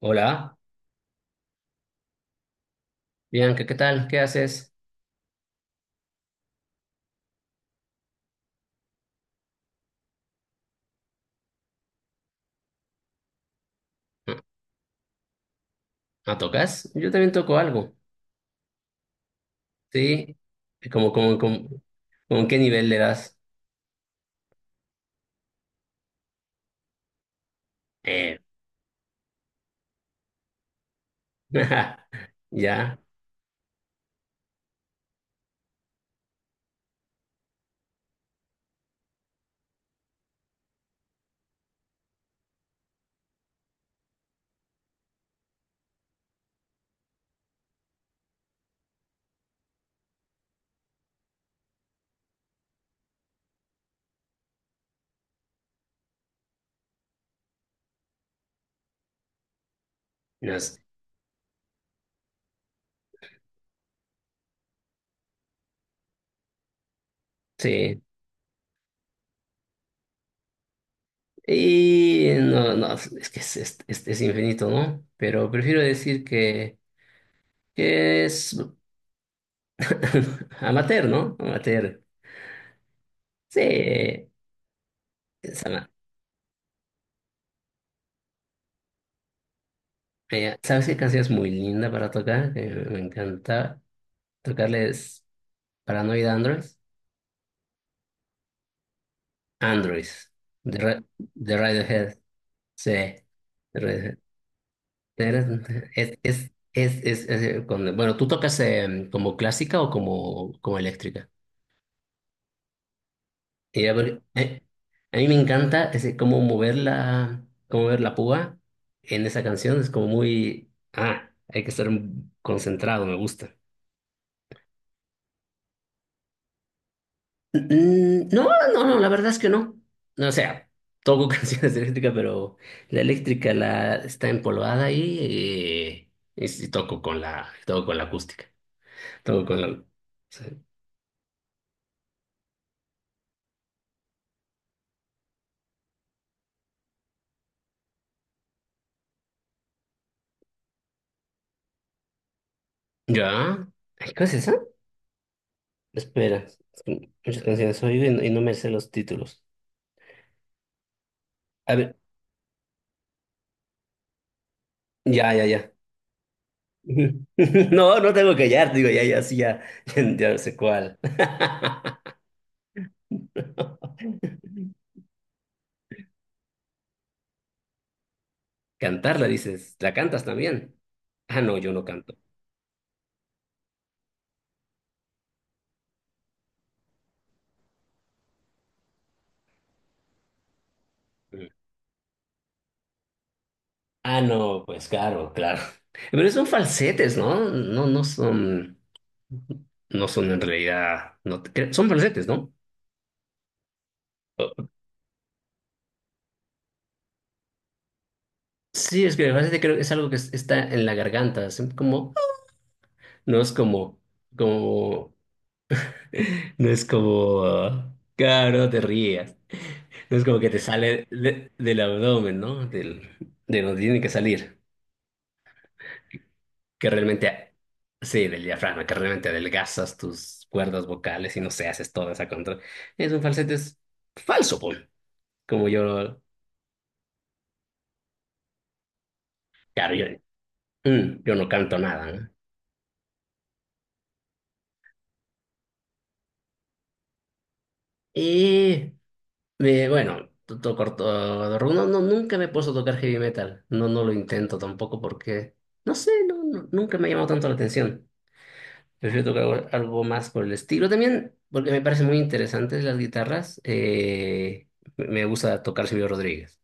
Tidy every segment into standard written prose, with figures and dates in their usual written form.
Hola, Bianca, ¿qué tal? ¿Qué haces? ¿Ah, tocas? Yo también toco algo, ¿sí? ¿Cómo como qué nivel le das? Eh, ya, no sé. Sí, y no, no, es que es infinito, ¿no? Pero prefiero decir que es amateur, ¿no? Amateur. Sí, ama- ¿Sabes qué canción es muy linda para tocar? Que me encanta tocarles Paranoid Android. Android, de Radiohead, sí, de Radiohead. Bueno, ¿tú tocas como clásica o como eléctrica? Y a ver, a mí me encanta cómo mover cómo mover la púa en esa canción, es como muy, ah, hay que estar concentrado, me gusta. No, no, la verdad es que no. No, o sea, toco canciones de eléctrica, pero la eléctrica la está empolvada y, y sí toco con toco con la acústica. Toco con la. Sí. ¿Ya? Ay, ¿qué es esa? Espera, es que muchas canciones oigo y no me sé los títulos. A ver, ya, ya, ya. No, no tengo que hallar, digo, ya, ya, sí, ya, ya no sé cuál. Cantarla, dices, ¿la cantas también? Ah, no, yo no canto. Ah, no, pues claro, claro. Pero son falsetes, ¿no? No son en realidad, no te cre- son falsetes, ¿no? Sí, es que el falsete creo que es algo que está en la garganta, es como, no es como, como, no es como, ah, claro, no te rías, no es como que te sale del abdomen, ¿no? Del, de donde tiene que salir. Que realmente, sí, del diafragma, que realmente adelgazas tus cuerdas vocales y no se haces toda esa contra. Es un falsete es falso, pues. Como yo, claro, mm, yo no canto nada, ¿no? Y bueno, toco ortorrumbo. No, no, nunca me he puesto a tocar heavy metal. No, no lo intento tampoco porque, no sé, nunca me ha llamado tanto la atención. Prefiero tocar algo algo más por el estilo también, porque me parecen muy interesantes las guitarras. Me gusta tocar Silvio Rodríguez.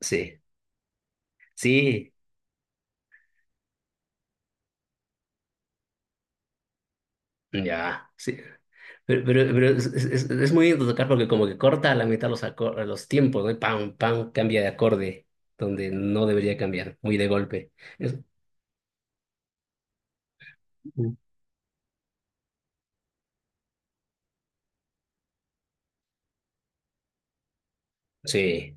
Sí. Sí, ya, sí. Pero es, es muy lindo tocar porque como que corta a la mitad los, los tiempos, ¿no? Y pam, pam, cambia de acorde, donde no debería cambiar, muy de golpe. Es- sí,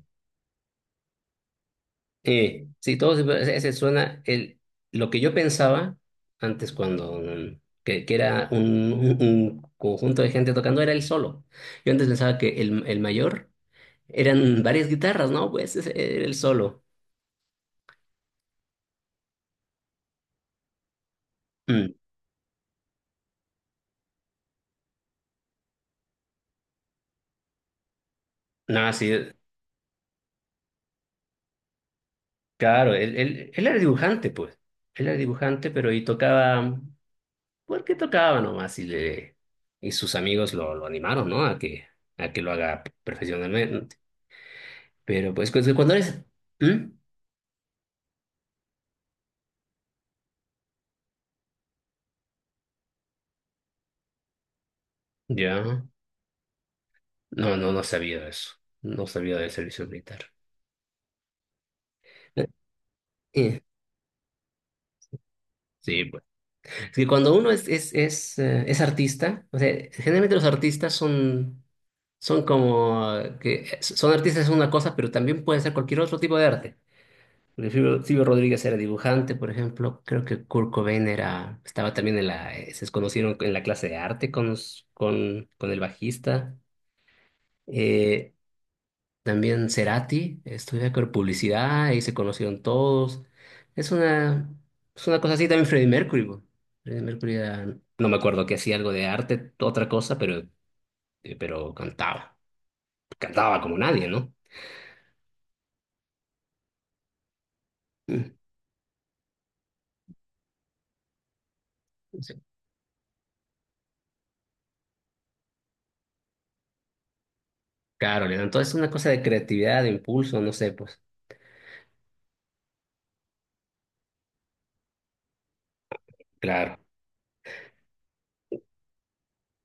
sí, ese suena, lo que yo pensaba antes cuando, mm, que era un, un conjunto de gente tocando, era el solo. Yo antes pensaba que el mayor eran varias guitarras, ¿no? Pues ese era el solo. Mm. No, sí. Claro, él era dibujante, pues. Él era dibujante, pero y tocaba, porque tocaba nomás, y sus amigos lo animaron, ¿no? A que lo haga profesionalmente. Pero pues pues, cuando eres. ¿Mm? Ya. No, no, no sabía de eso. No sabía del servicio militar. Eh, Sí, pues. Es que cuando uno es artista, o sea, generalmente los artistas son, son como que son artistas es una cosa, pero también pueden ser cualquier otro tipo de arte. Porque Silvio, Silvio Rodríguez era dibujante, por ejemplo. Creo que Kurt Cobain era, estaba también en se conocieron en la clase de arte con, con el bajista. Eh, también Cerati estudiaba con publicidad y se conocieron todos. Es una, es una cosa así también Freddie Mercury. Po. Freddie Mercury era- no me acuerdo que hacía algo de arte, otra cosa, pero cantaba. Cantaba como nadie, ¿no? Mm. Sí. Claro, Leandro. Entonces es una cosa de creatividad, de impulso, no sé, pues. Claro.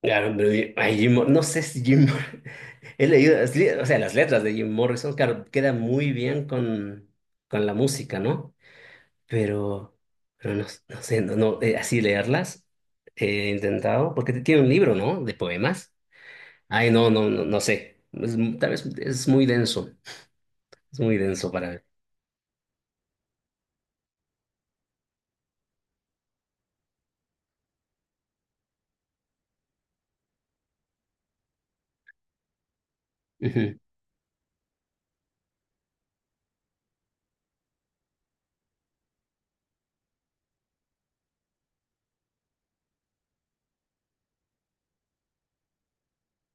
Claro, pero ay, no sé si he leído, o sea, las letras de Jim Morrison, claro, queda muy bien con la música, ¿no? Pero, pero no, no sé, no, no, así leerlas he intentado, porque tiene un libro, ¿no? De poemas. Ay, no, no, no, no sé. Tal vez es muy denso para mí. Ujú,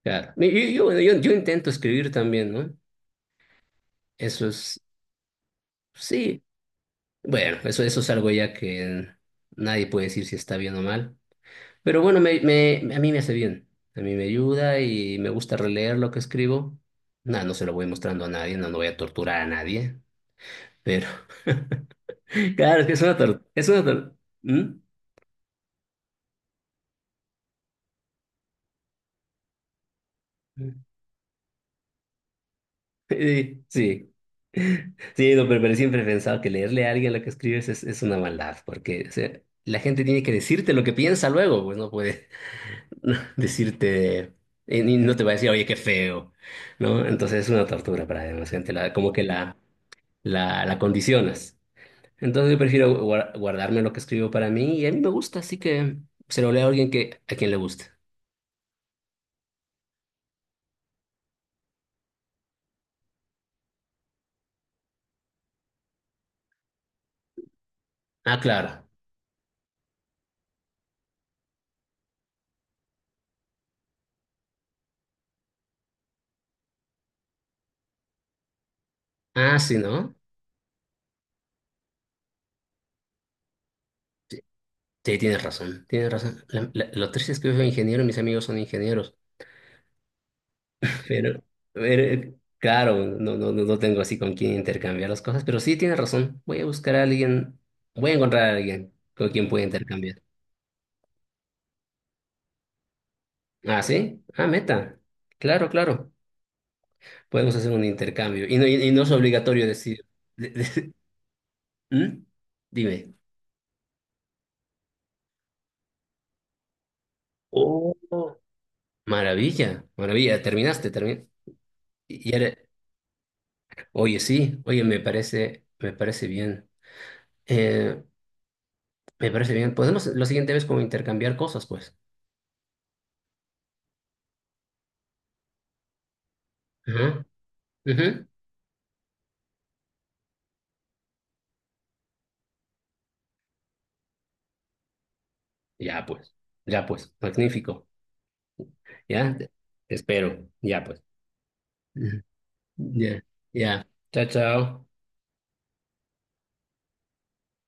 claro. Yo, bueno, yo intento escribir también, ¿no? Eso es, sí, bueno, eso es algo ya que nadie puede decir si está bien o mal. Pero bueno, a mí me hace bien. A mí me ayuda y me gusta releer lo que escribo. Nada, no se lo voy mostrando a nadie, no, no voy a torturar a nadie. Pero, claro, es que es una tortura. ¿Mm? Sí, sí. Sí, no, pero siempre he pensado que leerle a alguien lo que escribes es una maldad, porque o sea, la gente tiene que decirte lo que piensa luego, pues no puede decirte, no te va a decir, oye, qué feo, ¿no? Entonces es una tortura para demás gente, como que la condicionas. Entonces yo prefiero guardarme lo que escribo para mí y a mí me gusta, así que se lo leo a alguien que, a quien le guste. Ah, claro. Ah, sí, ¿no? Sí, tienes razón, tienes razón. Lo triste es que yo soy ingeniero y mis amigos son ingenieros, pero, pero, claro, no, no, no tengo así con quién intercambiar las cosas, pero sí tienes razón. Voy a buscar a alguien, voy a encontrar a alguien con quien pueda intercambiar. Ah, sí, ah, meta. Claro, claro. Podemos hacer un intercambio y no, y no es obligatorio decir. ¿Mm? Dime. Oh, maravilla, maravilla, terminaste, terminaste. Y ahora- oye, sí, oye, me parece bien. Eh, me parece bien. Podemos la siguiente vez como intercambiar cosas, pues. Ajá, ujú. Ya, pues, ya, pues, magnífico. Ya, te espero, ya, pues. Ujú. Ya, ya. Chao, chao.